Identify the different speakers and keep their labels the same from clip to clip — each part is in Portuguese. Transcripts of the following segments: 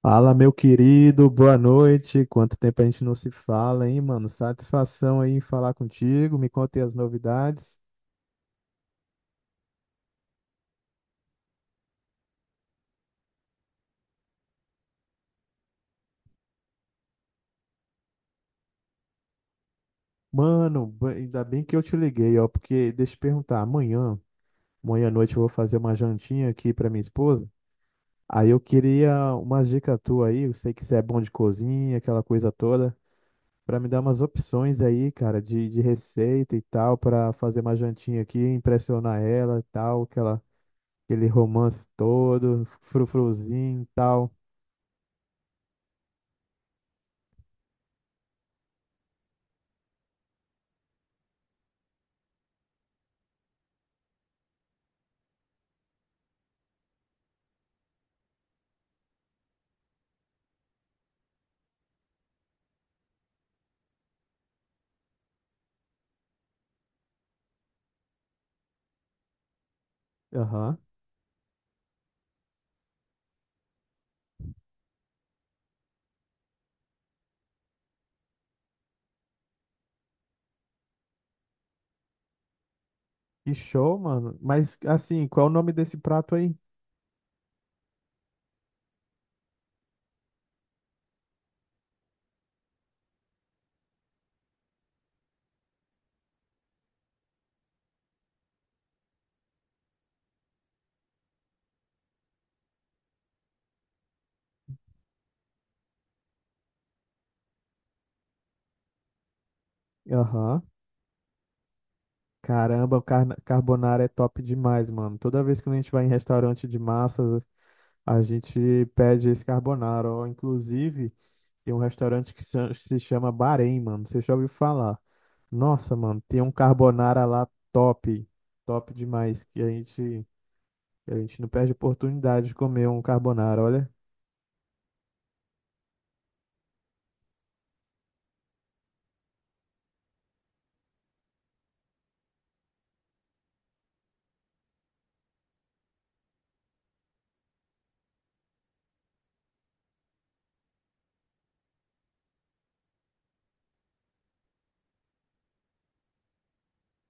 Speaker 1: Fala, meu querido, boa noite. Quanto tempo a gente não se fala, hein, mano? Satisfação aí em falar contigo. Me conta as novidades. Mano, ainda bem que eu te liguei, ó, porque deixa eu te perguntar, amanhã, amanhã à noite eu vou fazer uma jantinha aqui pra minha esposa. Aí eu queria umas dicas tuas aí, eu sei que você é bom de cozinha, aquela coisa toda, pra me dar umas opções aí, cara, de receita e tal, pra fazer uma jantinha aqui, impressionar ela e tal, que ela aquele romance todo, frufruzinho e tal. Aham. Que show, mano. Mas assim, qual é o nome desse prato aí? Aham. Caramba, o carbonara é top demais, mano. Toda vez que a gente vai em restaurante de massas, a gente pede esse carbonara. Ó, inclusive, tem um restaurante que se chama Bahrein, mano. Você já ouviu falar? Nossa, mano, tem um carbonara lá top. Top demais. Que a gente a gente não perde oportunidade de comer um carbonara, olha.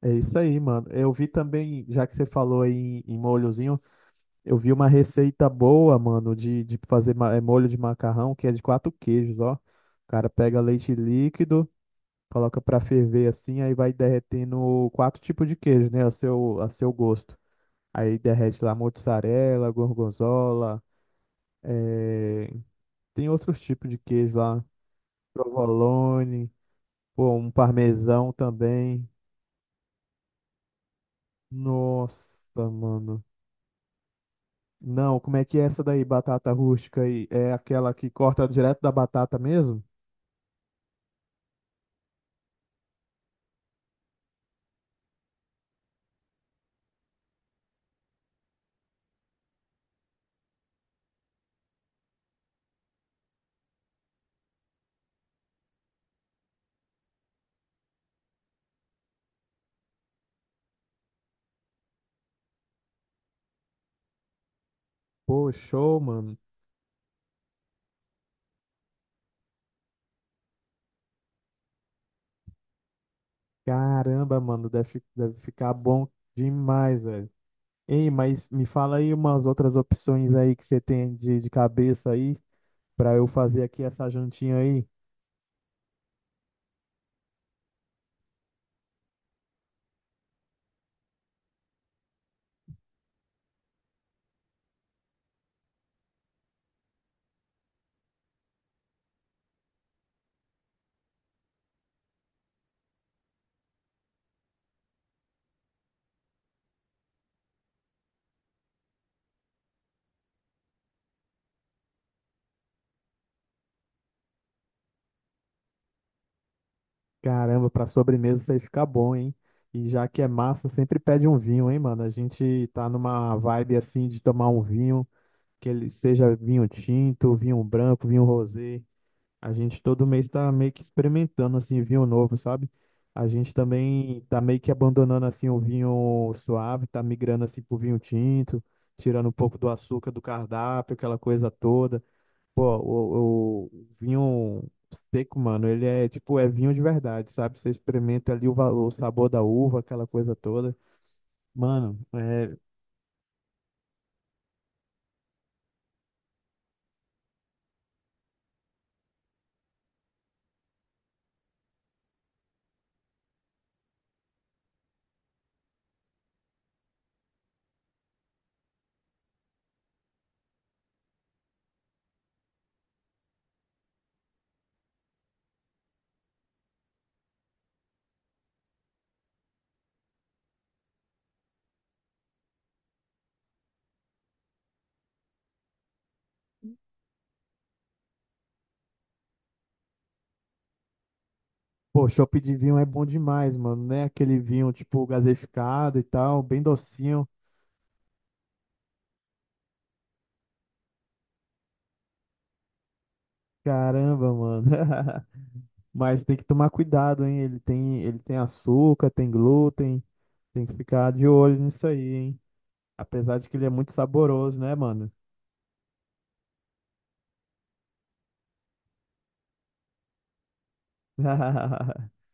Speaker 1: É isso aí, mano. Eu vi também, já que você falou aí em molhozinho, eu vi uma receita boa, mano, de fazer molho de macarrão, que é de quatro queijos, ó. O cara pega leite líquido, coloca pra ferver assim, aí vai derretendo quatro tipos de queijo, né? A seu gosto. Aí derrete lá mozzarella, gorgonzola, eh, tem outros tipos de queijo lá. Provolone, pô, um parmesão também. Nossa, mano. Não, como é que é essa daí, batata rústica aí? É aquela que corta direto da batata mesmo? Pô, show, mano. Caramba, mano, deve, deve ficar bom demais, velho. Ei, mas me fala aí umas outras opções aí que você tem de cabeça aí, pra eu fazer aqui essa jantinha aí. Caramba, pra sobremesa isso aí fica bom, hein? E já que é massa, sempre pede um vinho, hein, mano? A gente tá numa vibe assim de tomar um vinho, que ele seja vinho tinto, vinho branco, vinho rosé. A gente todo mês tá meio que experimentando assim vinho novo, sabe? A gente também tá meio que abandonando assim o vinho suave, tá migrando assim pro vinho tinto, tirando um pouco do açúcar do cardápio, aquela coisa toda. Pô, o vinho seco, mano, ele é tipo, é vinho de verdade, sabe? Você experimenta ali o, o sabor da uva, aquela coisa toda. Mano, é, pô, chopp de vinho é bom demais, mano, né? Aquele vinho tipo gaseificado e tal, bem docinho. Caramba, mano. Mas tem que tomar cuidado, hein? Ele tem açúcar, tem glúten. Tem que ficar de olho nisso aí, hein? Apesar de que ele é muito saboroso, né, mano?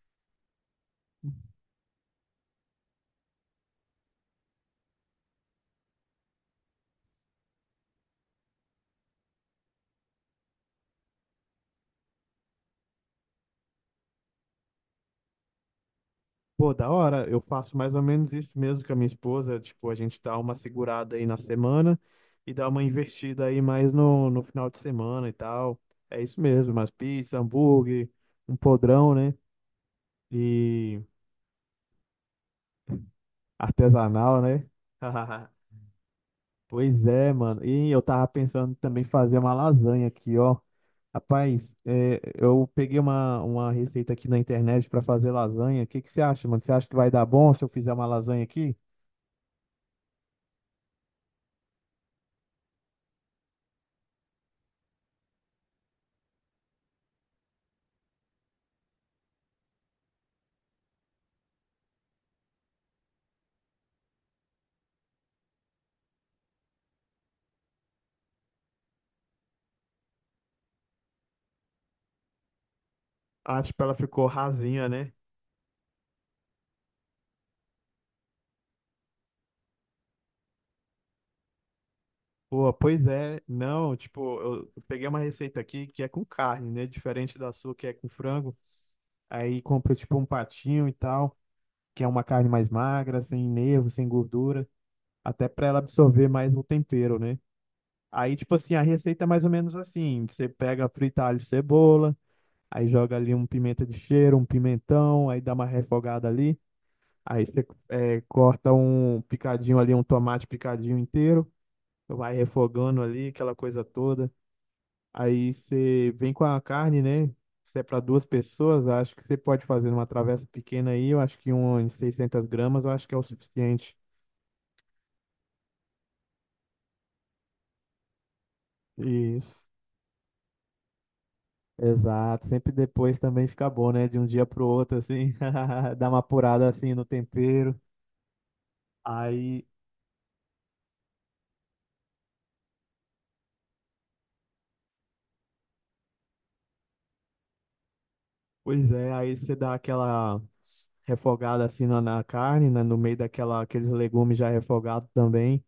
Speaker 1: Pô, da hora, eu faço mais ou menos isso mesmo com a minha esposa. Tipo, a gente dá uma segurada aí na semana e dá uma investida aí mais no, no final de semana e tal. É isso mesmo, umas pizza, hambúrguer, um podrão, né? E artesanal, né? Pois é, mano. E eu tava pensando também fazer uma lasanha aqui, ó. Rapaz, é, eu peguei uma receita aqui na internet pra fazer lasanha. O que que você acha, mano? Você acha que vai dar bom se eu fizer uma lasanha aqui? Acho que ela ficou rasinha, né? Pô, pois é. Não, tipo, eu peguei uma receita aqui que é com carne, né? Diferente da sua que é com frango. Aí compra tipo um patinho e tal, que é uma carne mais magra, sem nervo, sem gordura, até pra ela absorver mais o tempero, né? Aí, tipo assim, a receita é mais ou menos assim: você pega, frita alho e cebola, aí joga ali um pimenta de cheiro, um pimentão, aí dá uma refogada ali. Aí você corta um picadinho ali, um tomate picadinho inteiro, vai refogando ali, aquela coisa toda. Aí você vem com a carne, né? Se é para duas pessoas, acho que você pode fazer uma travessa pequena aí, eu acho que um em 600 gramas, eu acho que é o suficiente. Isso. Exato, sempre depois também fica bom, né? De um dia pro outro, assim, dá uma apurada assim no tempero. Aí, pois é, aí você dá aquela refogada assim na, na carne, né? No meio daquela, aqueles legumes já refogados também.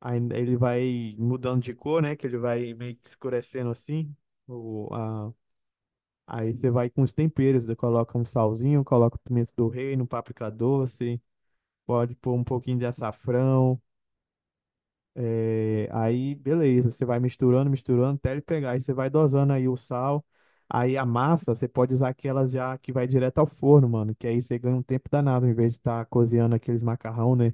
Speaker 1: Aí ele vai mudando de cor, né? Que ele vai meio que escurecendo assim. O, a... Aí você vai com os temperos, você coloca um salzinho, coloca o pimento do reino, páprica doce, pode pôr um pouquinho de açafrão. É, aí, beleza, você vai misturando, misturando, até ele pegar. Aí você vai dosando aí o sal. Aí a massa, você pode usar aquelas já que vai direto ao forno, mano. Que aí você ganha um tempo danado, em vez de estar cozinhando aqueles macarrão, né?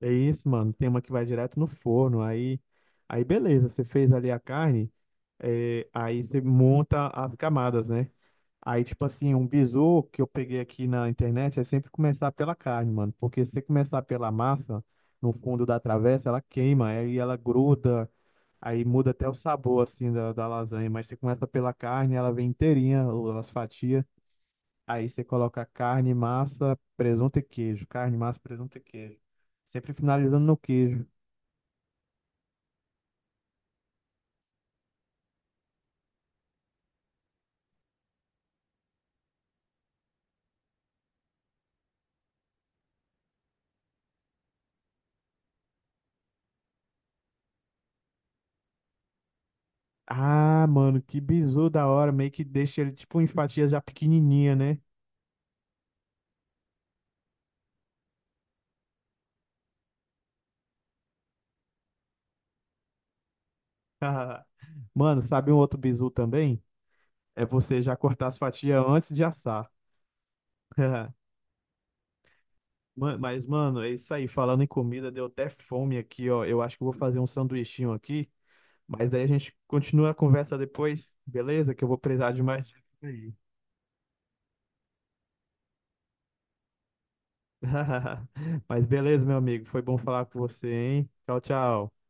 Speaker 1: É isso, mano. Tem uma que vai direto no forno. Aí, aí beleza, você fez ali a carne. É, aí você monta as camadas, né? Aí, tipo assim, um bizu que eu peguei aqui na internet é sempre começar pela carne, mano. Porque se você começar pela massa, no fundo da travessa, ela queima, aí ela gruda, aí muda até o sabor, assim, da lasanha. Mas você começa pela carne, ela vem inteirinha, ou as fatias. Aí você coloca carne, massa, presunto e queijo. Carne, massa, presunto e queijo. Sempre finalizando no queijo. Ah, mano, que bizu da hora. Meio que deixa ele, tipo, em fatias já pequenininha, né? Mano, sabe um outro bizu também? É você já cortar as fatias antes de assar. Mas, mano, é isso aí. Falando em comida, deu até fome aqui, ó. Eu acho que eu vou fazer um sanduichinho aqui. Mas daí a gente continua a conversa depois, beleza? Que eu vou precisar de mais dicas aí. Mas beleza, meu amigo. Foi bom falar com você, hein? Tchau, tchau.